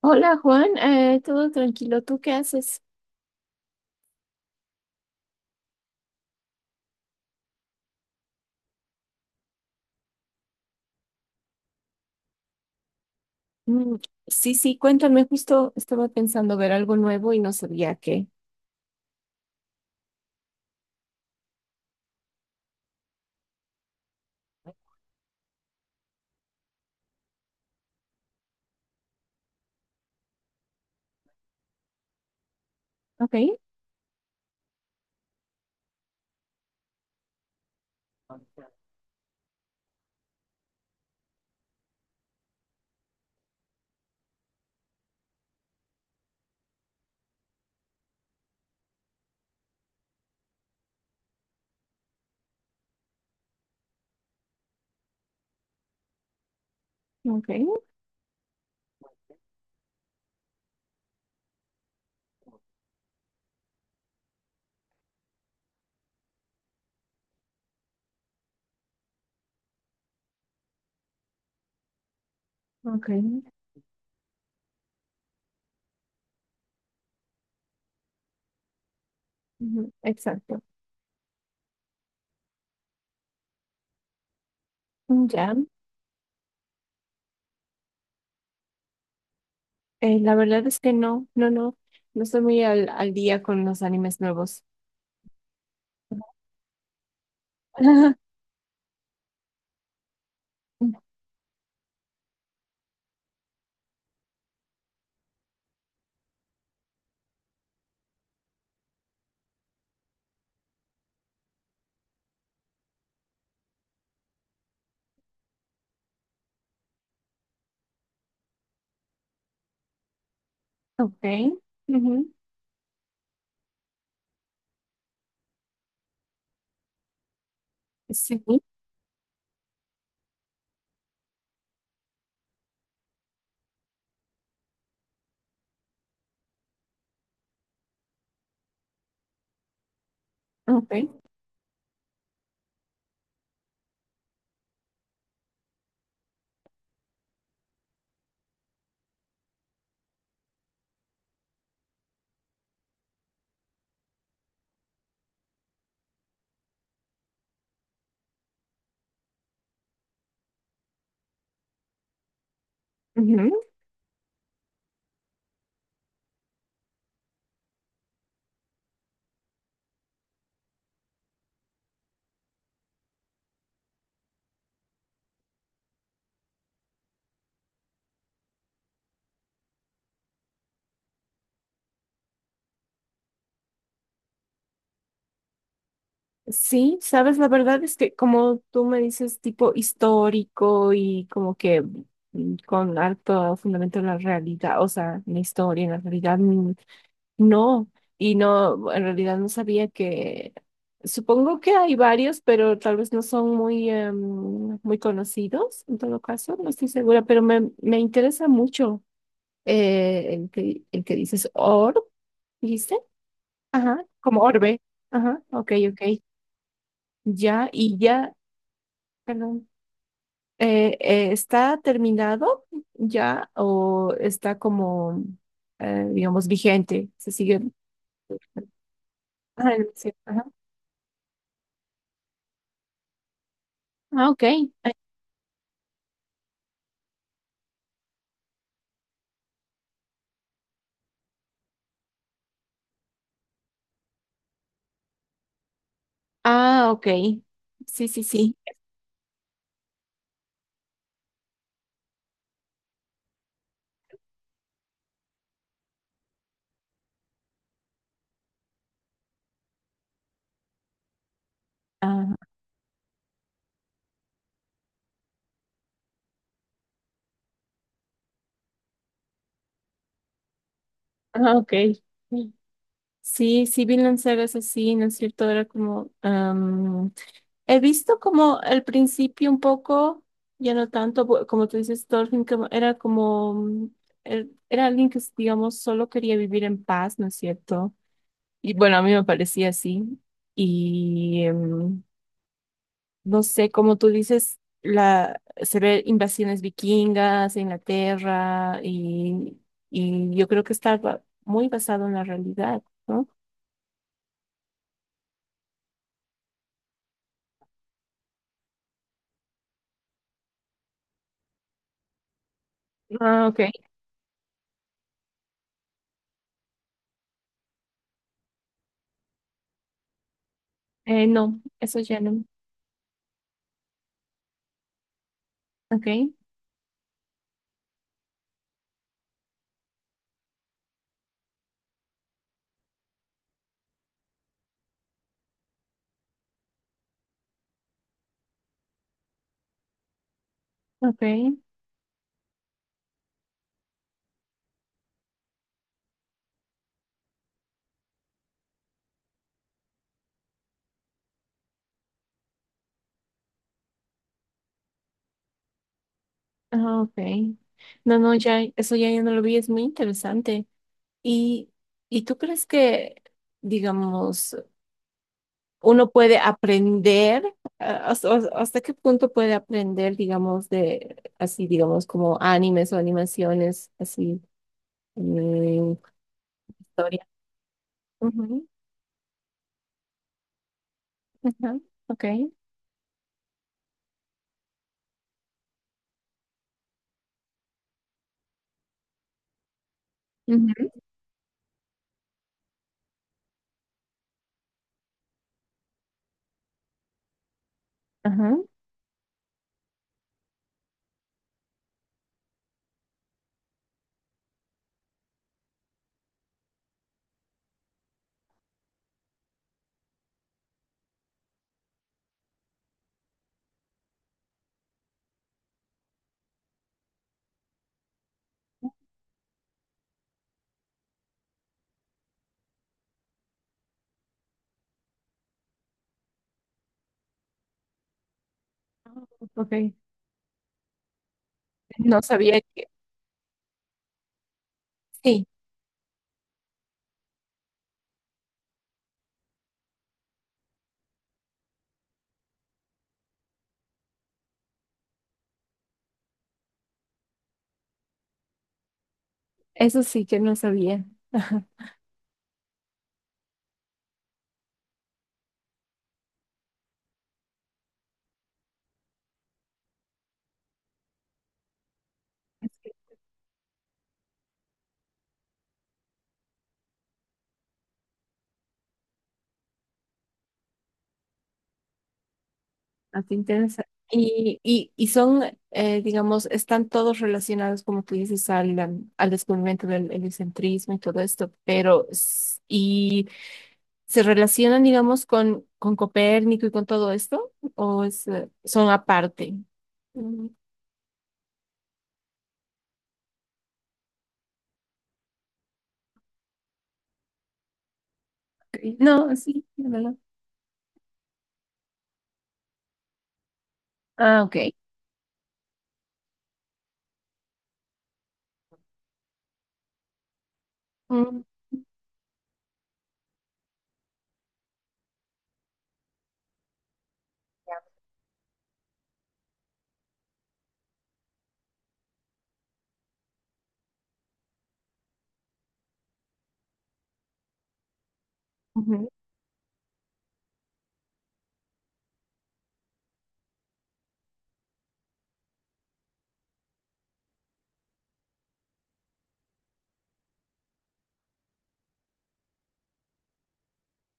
Hola Juan, todo tranquilo, ¿tú qué haces? Mm, sí, cuéntame, justo estaba pensando ver algo nuevo y no sabía qué. Ok, ok, ok, ujú, exacto. Mm, ya, la verdad es que no estoy muy al día con los animes nuevos. Ok, ujú, sí, ok, ujú, sí, sabes, la verdad es que como tú me dices, tipo histórico y con alto fundamento en la realidad, o sea, en la historia, en la realidad, mm, no, y no, en realidad no supongo que hay varios, pero tal vez no son muy conocidos, en todo caso, no estoy segura, pero me interesa mucho el que dices orb, ¿viste? Ajá, como orbe, ajá, ok, ok. Ya, y ya perdón. ¿Está terminado ya o digamos, vigente? ¿Se sigue? Ah, el museo, ajá. Ah, ok. Ah, ok. Sí, sí, sí. Ah, ah, ok. Sí, sí, Vinland Saga es así, ¿no es cierto? He visto como al principio un poco, ya no tanto, como tú dices, Thorfinn, como- era como, mm, er- era alguien que, digamos, solo quería vivir en paz, ¿no es cierto? Y bueno, a mí me parecía así. Y em, no sé, como tú dices, se ve invasiones vikingas, en Inglaterra, y yo creo que está muy basado en la realidad, ¿no? Ah, ok. No, eso ya no. Ok, ok, ah, ok. No, no, ya, eso ya yo no lo vi, es muy interesante. ¿Y, ¿y tú crees que, digamos, uno puede aprender, hasta, hasta qué punto puede aprender, digamos, de así, digamos, como animes o animaciones, así, mm, historia. Ujú, ajá, ok, ujú, ajá, ok. No sabía que, sí, eso sí que no sabía. Ajá. Así interesa. ¿Y son, digamos, están todos relacionados, como tú dices, al descubrimiento del heliocentrismo y todo esto, pero ¿se relacionan, digamos, con Copérnico y con todo esto? ¿O son aparte? Mm, ok. No, sí, de verdad. Ah, ok. Mm, ujú.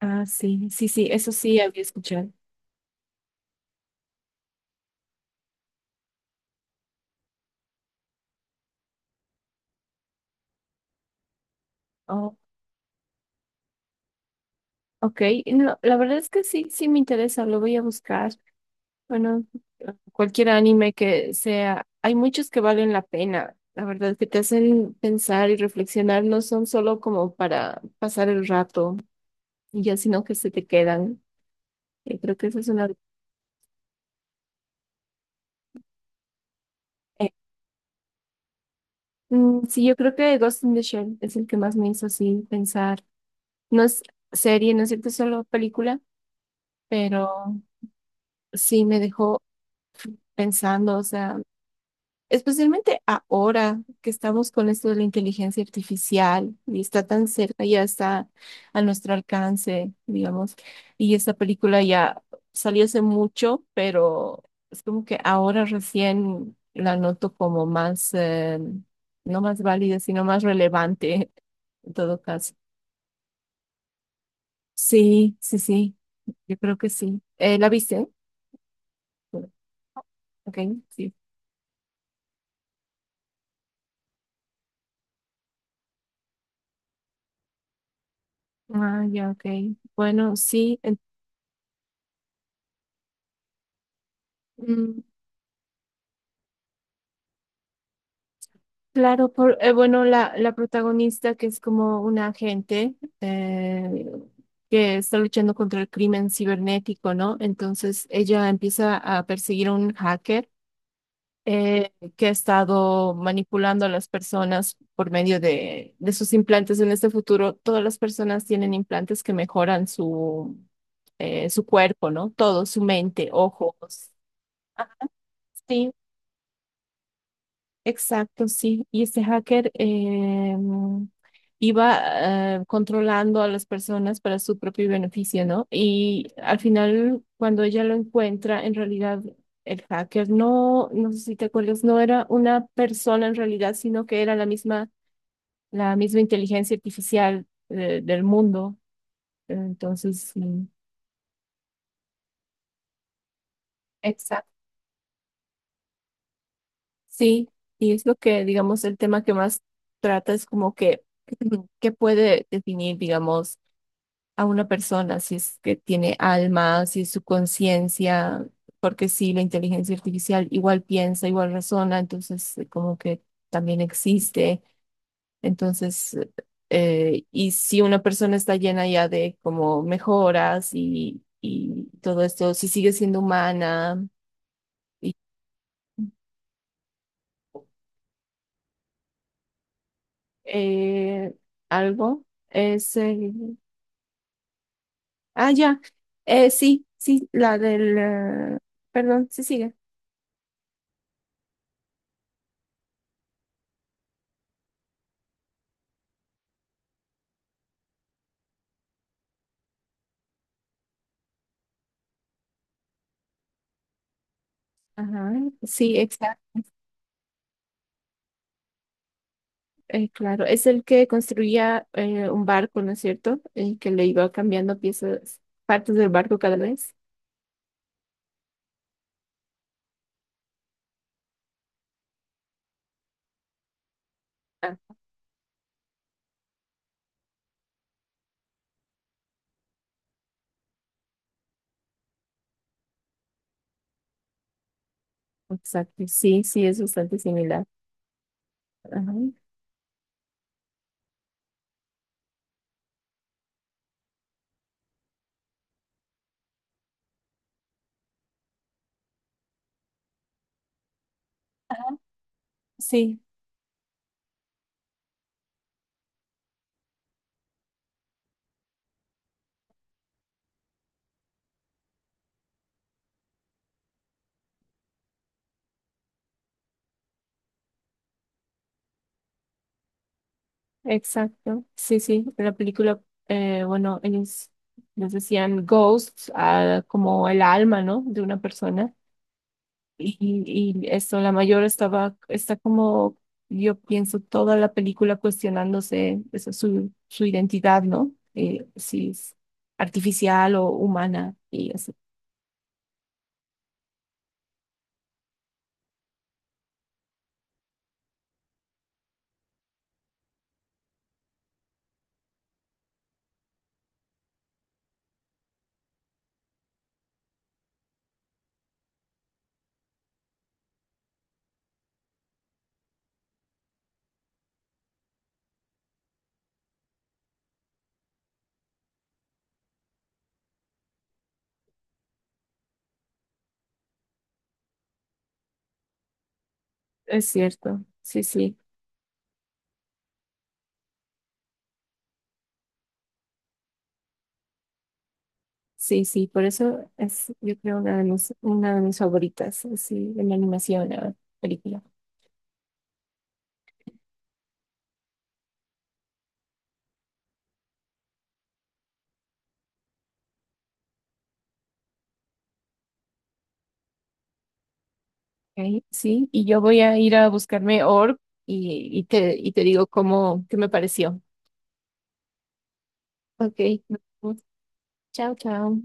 Ah, sí, sí, sí, eso sí había escuchado. Oh, ok, no, la verdad es que sí, sí me interesa, lo voy a buscar. Bueno, cualquier anime que sea, hay muchos que valen la pena, la verdad, que te hacen pensar y reflexionar, no son solo como para pasar el rato y ya, sino que se te quedan. Creo que esa es una. Eh, sí, yo creo que Ghost in the Shell es el que más me hizo así pensar. No es serie, no es cierto, es solo película, pero sí me dejó pensando, o sea. Especialmente ahora que estamos con esto de la inteligencia artificial y está tan cerca, ya está a nuestro alcance, digamos. Y esta película ya salió hace mucho, pero es como que ahora recién la noto como más, no más válida, sino más relevante en todo caso. Sí, sí, sí, yo creo que sí. ¿La viste? Ok, sí. Ah, ya, ok. Bueno, sí. Mm, Claro, bueno, la protagonista que es como una agente eh, que está luchando contra el crimen cibernético, ¿no? Entonces ella empieza a perseguir a un hacker que ha estado manipulando a las personas por medio de sus implantes. En este futuro, todas las personas tienen implantes que mejoran su cuerpo, ¿no? Todo, su mente, ojos. Ajá, sí, exacto, sí. Y este hacker iba controlando a las personas para su propio beneficio, ¿no? Y al final, cuando ella lo encuentra, en realidad el hacker, no sé si te acuerdas, no era una persona en realidad, sino que era la misma inteligencia artificial del mundo. Entonces, mm, exacto. Sí, y es lo que, digamos, el tema que más trata es como que, qué puede definir, digamos, a una persona, si es que tiene alma, si es su conciencia, porque sí, la inteligencia artificial igual piensa, igual razona, entonces como que también existe. Entonces, y si una persona está llena ya de como mejoras y todo esto, si sigue siendo humana y eh, algo, es... eh, ah, ya, sí, sí, la del... perdón, sí sigue. Ajá, sí, exacto. Claro, es el que construía un barco, ¿no es cierto? El que le iba cambiando piezas, partes del barco cada vez. Ah, exacto. Sí, sí, es bastante similar. Ajá. Sí, exacto. Sí, sí. La película, bueno, ellos les decían ghosts, ah, como el alma, ¿no? De una persona. Y, y eso, la mayor está como, yo pienso, toda la película cuestionándose eso, su identidad, ¿no? Si es artificial o humana, y eso. Es cierto, sí, sí, sí, sí, por eso es, yo creo, una de una de mis favoritas, así, en la animación, la película. Ok, sí, y yo voy a ir a buscarme Org y y te digo cómo, qué me pareció. Ok. Nos vemos. Chao, chao.